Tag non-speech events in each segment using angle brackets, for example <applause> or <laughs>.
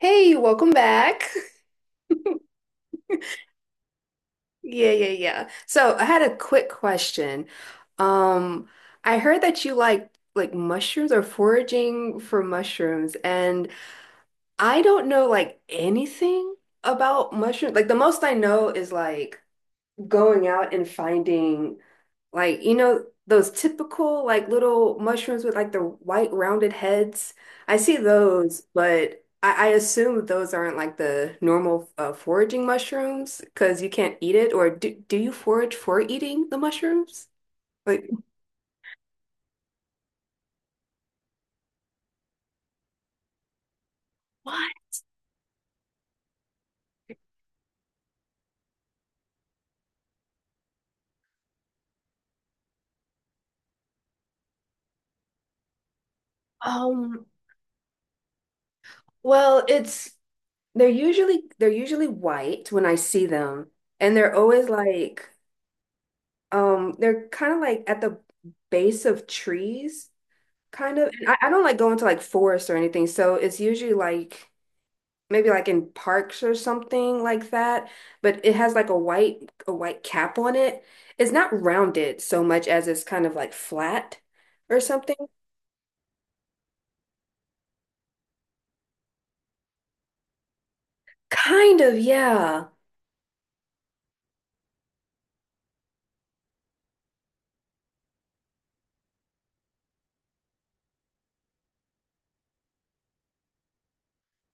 Hey, welcome back. <laughs> Yeah, yeah, yeah. So I had a quick question. Um, I heard that you like mushrooms or foraging for mushrooms, and I don't know like anything about mushrooms. Like the most I know is like going out and finding. Like, you know, those typical like little mushrooms with like the white rounded heads. I see those, but I assume those aren't like the normal foraging mushrooms because you can't eat it. Or do you forage for eating the mushrooms? Like, what? Um, well, it's they're usually white when I see them, and they're always like they're kind of like at the base of trees. Kind of. And I don't like going to like forests or anything. So it's usually like maybe like in parks or something like that. But it has like a white cap on it. It's not rounded so much as it's kind of like flat or something. Kind of, yeah.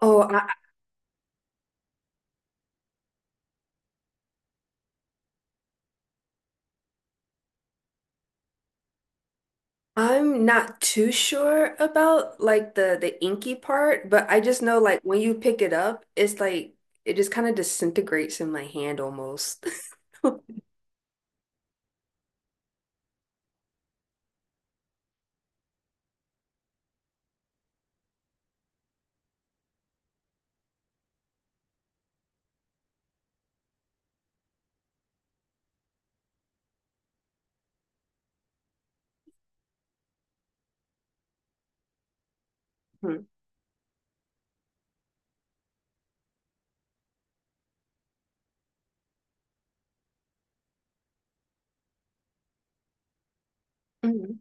Oh, I, I'm not too sure about like the inky part, but I just know like when you pick it up, it's like it just kind of disintegrates in my hand almost. <laughs> Mhm. Mhm.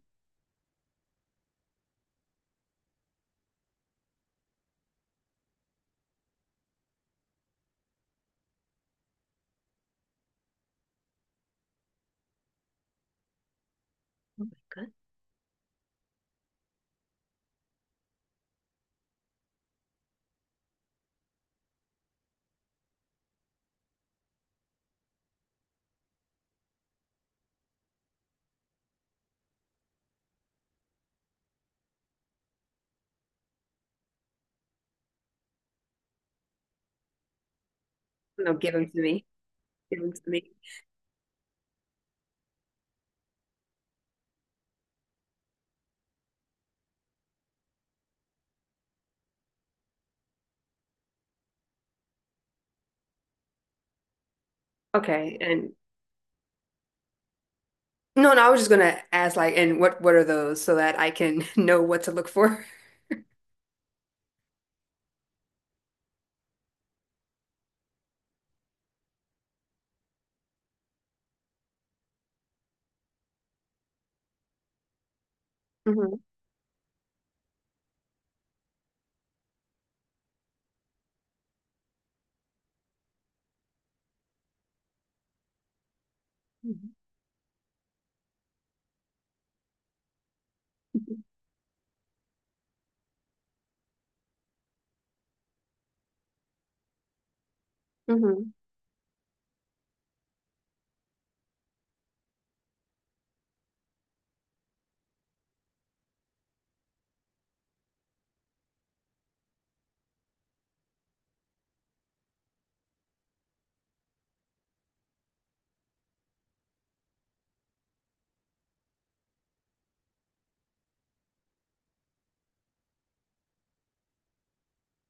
No, give them to me. Give them to me. Okay, and no, no, I was just gonna ask like, and what are those so that I can <laughs> know what to look for? Hmm. Hmm.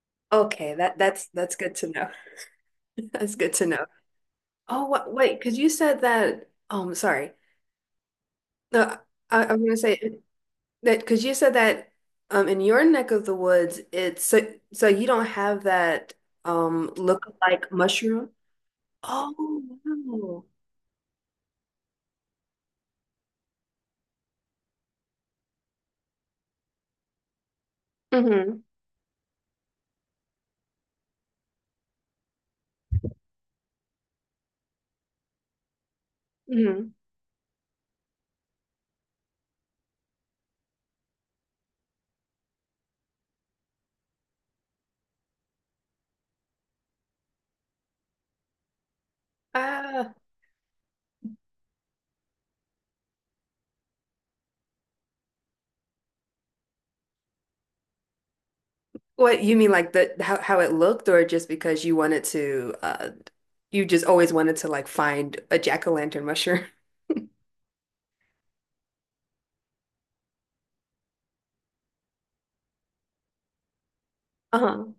<laughs> Okay, that's good to know. <laughs> That's good to know. Oh, what, wait, because you said that. Sorry. No, I was gonna say that because you said that. In your neck of the woods, it's so so you don't have that look like mushroom. Oh wow. Hmm. Hmm. Oh. What you mean like the how it looked or just because you wanted to you just always wanted to like find a jack-o'-lantern mushroom? <laughs> Uh-huh.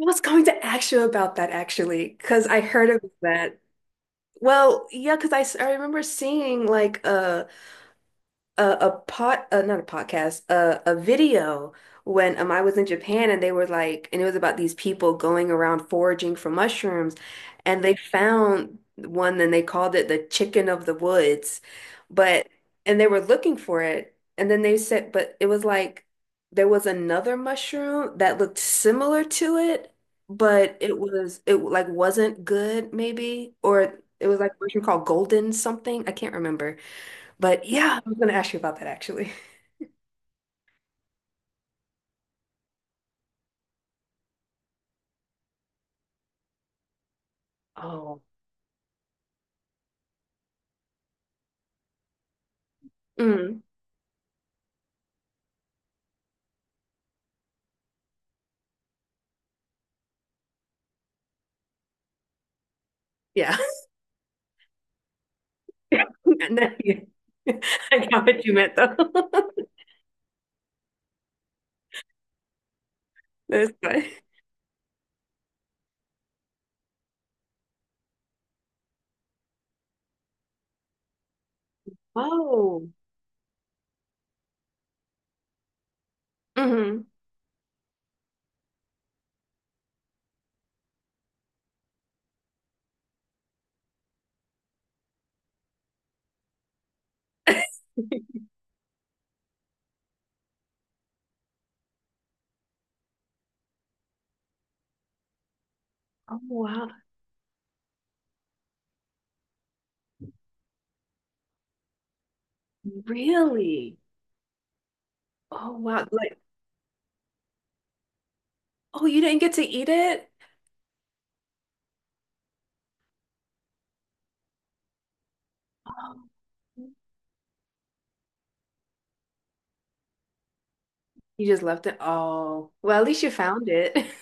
I was going to ask you about that actually, because I heard about that. Well, yeah, because I remember seeing like a, a pot not a podcast, a video when I was in Japan and they were like, and it was about these people going around foraging for mushrooms, and they found one and they called it the chicken of the woods, but and they were looking for it and then they said but it was like there was another mushroom that looked similar to it but it was it like wasn't good maybe or it was like a mushroom called golden something, I can't remember. But yeah, I was going to ask you about that actually. Oh. Mm, yeah. <laughs> And then you, <laughs> I got what you meant though. <laughs> That's good. Oh. Hmm. Oh, wow. Really? Oh wow. Like, oh, you didn't get to eat it? Oh. You just left it. Oh, well, at least you found it. <laughs>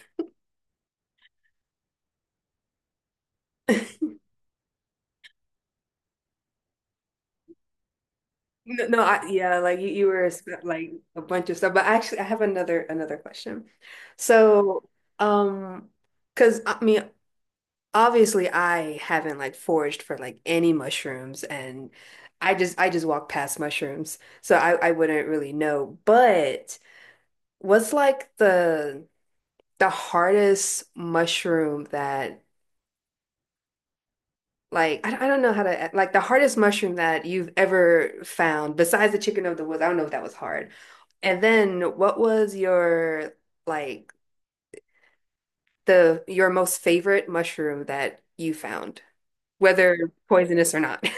No, no, I, yeah, like you were sp- like a bunch of stuff. But actually, I have another question. So, um, because I mean, obviously I haven't like foraged for like any mushrooms and I just walk past mushrooms. So I wouldn't really know. But what's like the hardest mushroom that like I don't know how to like the hardest mushroom that you've ever found besides the chicken of the woods. I don't know if that was hard. And then what was your like the your most favorite mushroom that you found, whether poisonous or not? <laughs>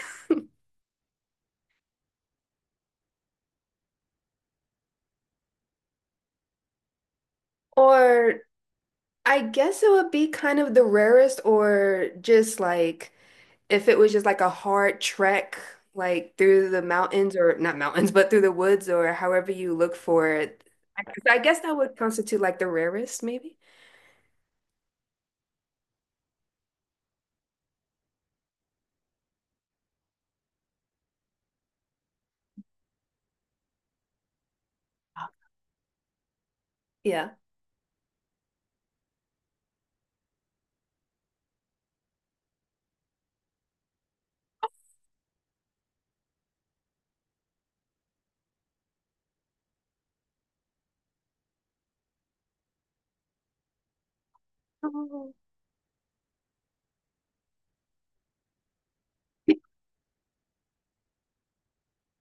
Or I guess it would be kind of the rarest, or just like if it was just like a hard trek, like through the mountains or not mountains, but through the woods or however you look for it. I guess that would constitute like the rarest, maybe. Yeah. Oh.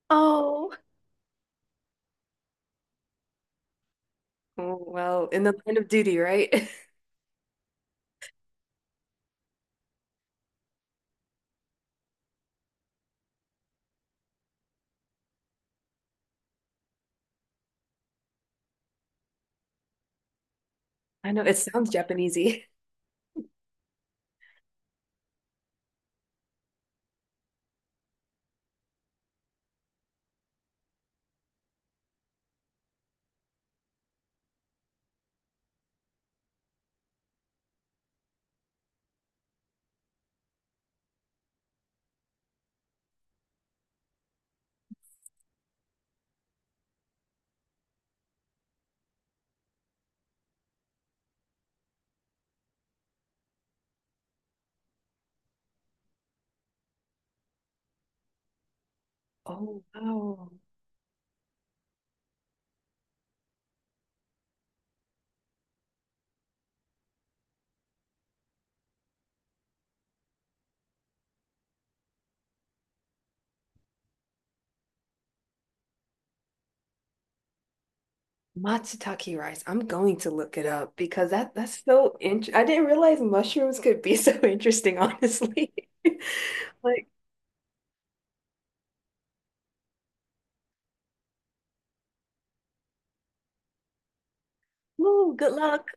Oh. Oh, well, in the line of duty, right? <laughs> I know it sounds Japanesey. Oh, wow. Matsutake rice. I'm going to look it up because that's so interesting. I didn't realize mushrooms could be so <laughs> interesting, honestly. <laughs> Like, oh, good luck.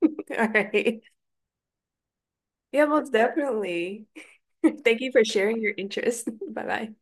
<laughs> All right. Yeah, most definitely. <laughs> Thank you for sharing your interest. <laughs> Bye bye.